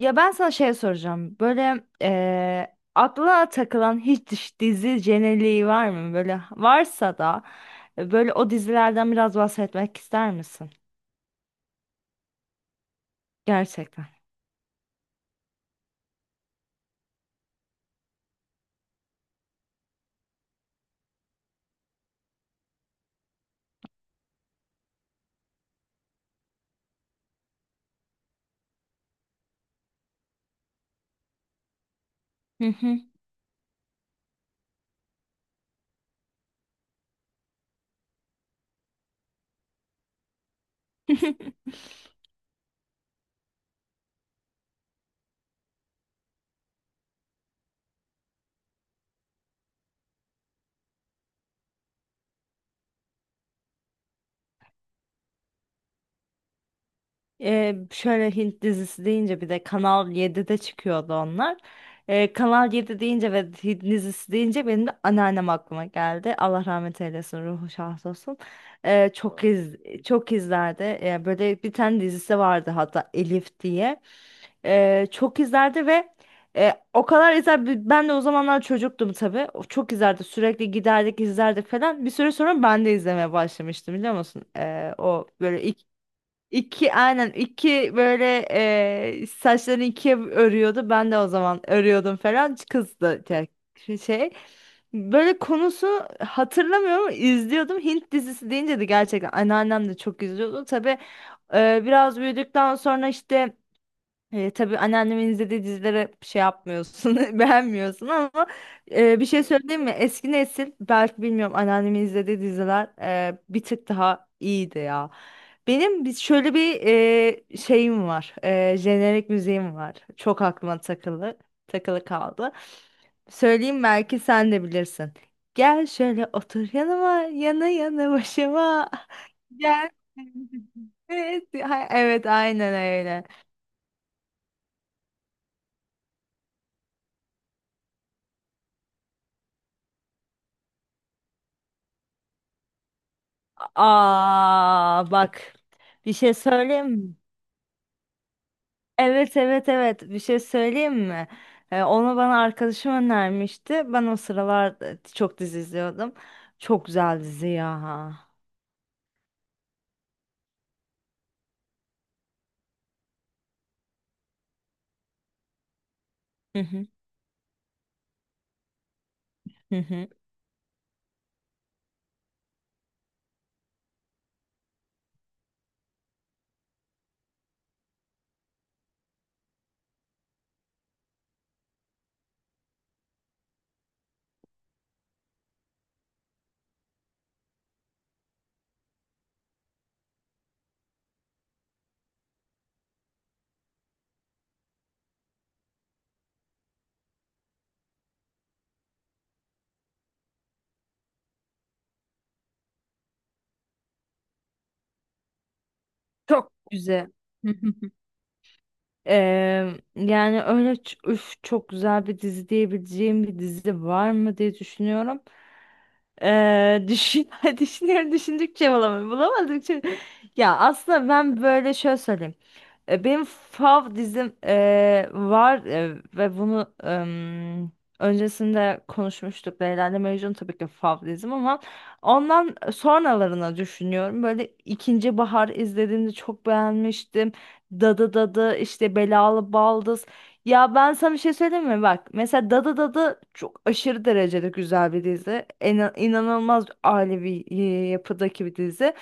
Ya ben sana şey soracağım. Böyle aklına takılan hiç dizi jeneriği var mı? Böyle varsa da böyle o dizilerden biraz bahsetmek ister misin? Gerçekten. Hı hı. Şöyle Hint dizisi deyince bir de Kanal 7'de çıkıyordu onlar. Kanal 7 deyince ve Hint dizisi deyince benim de anneannem aklıma geldi. Allah rahmet eylesin, ruhu şad olsun. Ee, çok iz Çok izlerdi. Böyle bir tane dizisi vardı hatta Elif diye. Çok izlerdi ve o kadar izler ben de o zamanlar çocuktum tabii. O çok izlerdi. Sürekli giderdik, izlerdik falan. Bir süre sonra ben de izlemeye başlamıştım biliyor musun? O böyle İki aynen iki böyle saçlarını ikiye örüyordu. Ben de o zaman örüyordum falan. Kız da tek şey. Böyle konusu hatırlamıyorum ama izliyordum. Hint dizisi deyince de gerçekten anneannem de çok izliyordu. Tabii biraz büyüdükten sonra işte tabii anneannemin izlediği dizilere şey yapmıyorsun, beğenmiyorsun ama bir şey söyleyeyim mi? Eski nesil belki bilmiyorum anneannemin izlediği diziler bir tık daha iyiydi ya. Şöyle bir şeyim var, jenerik müziğim var. Çok aklıma takılı kaldı. Söyleyeyim belki sen de bilirsin. Gel şöyle otur yanıma, yana yana başıma. Gel. Evet, evet aynen öyle. Aa bak bir şey söyleyeyim mi? Evet, evet, evet, bir şey söyleyeyim mi? Onu bana arkadaşım önermişti. Ben o sıralar çok dizi izliyordum. Çok güzel dizi ya. Hı hı, hı hı. Çok güzel. Hı hı. Ee, Yani öyle üf, çok güzel bir dizi diyebileceğim bir dizi var mı diye düşünüyorum. Ee, düşün, Düşünüyorum düşündükçe bulamıyorum. Bulamadıkça. Ya aslında ben böyle şöyle söyleyeyim. Benim fav dizim var ve bunu öncesinde konuşmuştuk. Leyla ile Mecnun tabii ki fav dizim ama ondan sonralarına düşünüyorum. Böyle ikinci bahar izlediğimde çok beğenmiştim. Dadı işte Belalı Baldız. Ya ben sana bir şey söyleyeyim mi? Bak mesela Dada çok aşırı derecede güzel bir dizi. İnanılmaz ailevi yapıdaki bir dizi.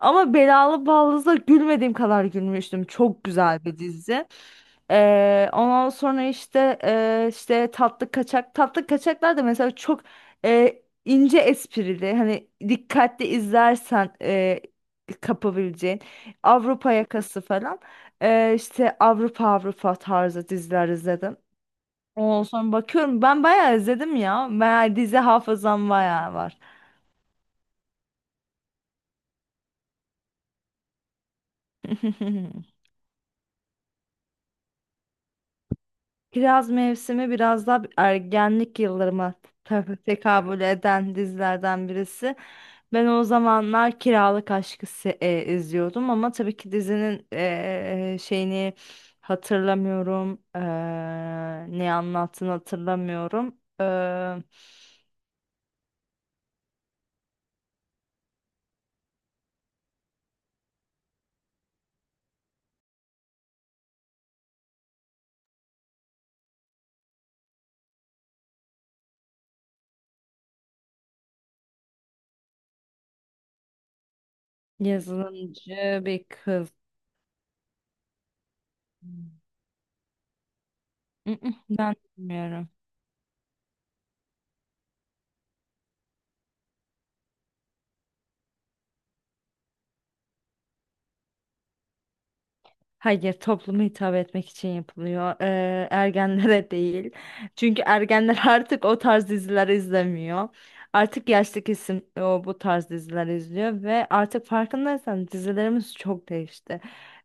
Ama Belalı Ballız'da gülmediğim kadar gülmüştüm. Çok güzel bir dizi. Ondan sonra işte işte tatlı kaçaklar da mesela çok ince esprili hani dikkatli izlersen kapabileceğin Avrupa Yakası falan. İşte Avrupa tarzı diziler izledim. Ondan sonra bakıyorum ben bayağı izledim ya. Bayağı dizi hafızam bayağı var. Kiraz Mevsimi biraz daha ergenlik yıllarıma tekabül eden dizilerden birisi. Ben o zamanlar Kiralık Aşk'ı izliyordum ama tabii ki dizinin şeyini hatırlamıyorum. Ne anlattığını hatırlamıyorum. Yazılımcı bir kız. Mm, mm, Ben bilmiyorum. Hayır, topluma hitap etmek için yapılıyor. Ergenlere değil. Çünkü ergenler artık o tarz diziler izlemiyor. Artık yaşlı kesim o bu tarz diziler izliyor ve artık farkındaysan dizilerimiz çok değişti.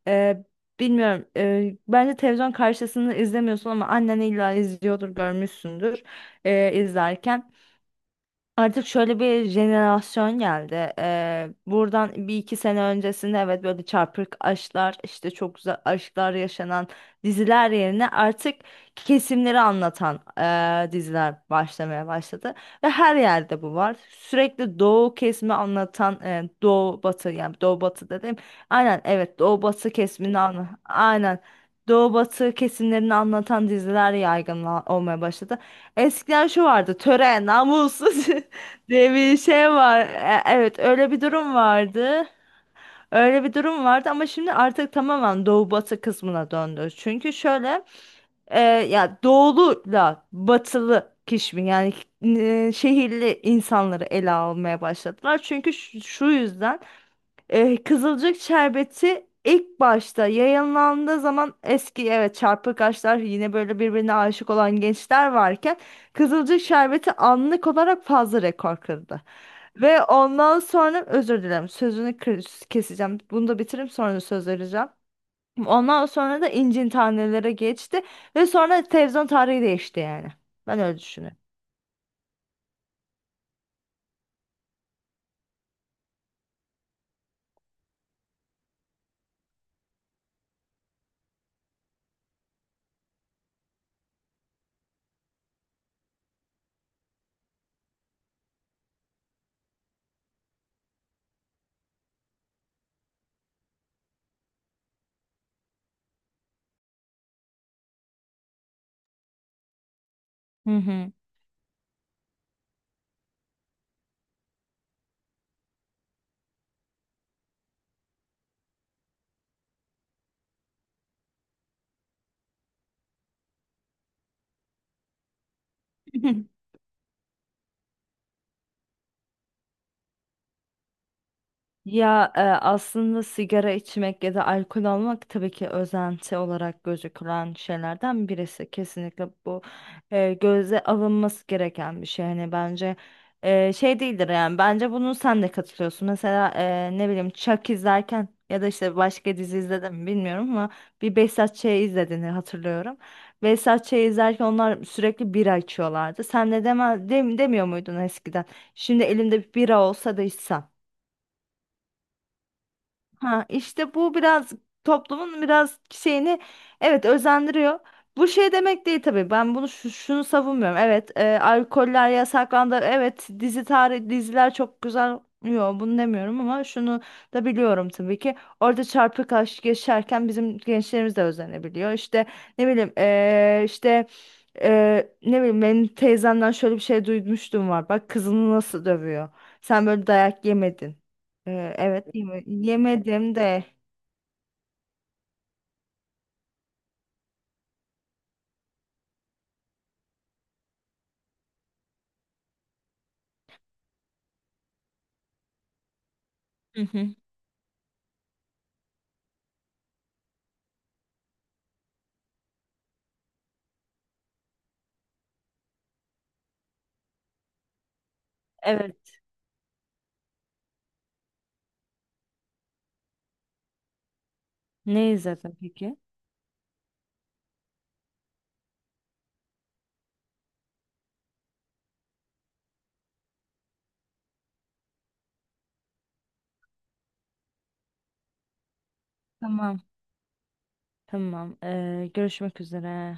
Ee, Bilmiyorum. Bence televizyon karşısında izlemiyorsun ama annen illa izliyordur, görmüşsündür izlerken. Artık şöyle bir jenerasyon geldi. Buradan bir iki sene öncesinde evet böyle çarpık aşklar işte çok güzel aşklar yaşanan diziler yerine artık kesimleri anlatan diziler başlamaya başladı. Ve her yerde bu var. Sürekli doğu kesimi anlatan doğu batı, yani doğu batı dedim. Aynen, evet, doğu batı kesimini anla aynen. Doğu batı kesimlerini anlatan diziler yaygın olmaya başladı. Eskiden şu vardı: töre, namussuz. diye bir şey var. Evet, öyle bir durum vardı. Öyle bir durum vardı ama şimdi artık tamamen doğu batı kısmına döndü. Çünkü şöyle ya doğuluyla batılı kişimin yani şehirli insanları ele almaya başladılar. Çünkü şu yüzden Kızılcık şerbeti ilk başta yayınlandığı zaman eski evet çarpık aşklar yine böyle birbirine aşık olan gençler varken Kızılcık şerbeti anlık olarak fazla rekor kırdı. Ve ondan sonra özür dilerim sözünü keseceğim. Bunu da bitirip sonra söz vereceğim. Ondan sonra da incin tanelere geçti ve sonra televizyon tarihi değişti yani. Ben öyle düşünüyorum. Hı hı. Ya aslında sigara içmek ya da alkol almak tabii ki özenti olarak gözükülen şeylerden birisi. Kesinlikle bu göze alınması gereken bir şey. Hani bence şey değildir yani. Bence bunu sen de katılıyorsun. Mesela ne bileyim Chuck izlerken ya da işte başka dizi izledim mi bilmiyorum ama bir Behzat Ç'yi izlediğini hatırlıyorum. Behzat Ç'yi izlerken onlar sürekli bira içiyorlardı. Sen de demiyor muydun eskiden? Şimdi elimde bir bira olsa da içsem. Ha işte bu biraz toplumun biraz şeyini evet özendiriyor. Bu şey demek değil tabii. Ben bunu şunu savunmuyorum. Evet, alkoller yasaklandı. Evet, tarih diziler çok güzel. Yo, bunu demiyorum ama şunu da biliyorum tabii ki. Orada çarpık aşk yaşarken bizim gençlerimiz de özenebiliyor. İşte ne bileyim işte ne bileyim benim teyzemden şöyle bir şey duymuştum var. Bak kızını nasıl dövüyor. Sen böyle dayak yemedin. Evet yemedim de. Hı hı. Evet. Ne izledin peki? Tamam. Tamam. Görüşmek üzere.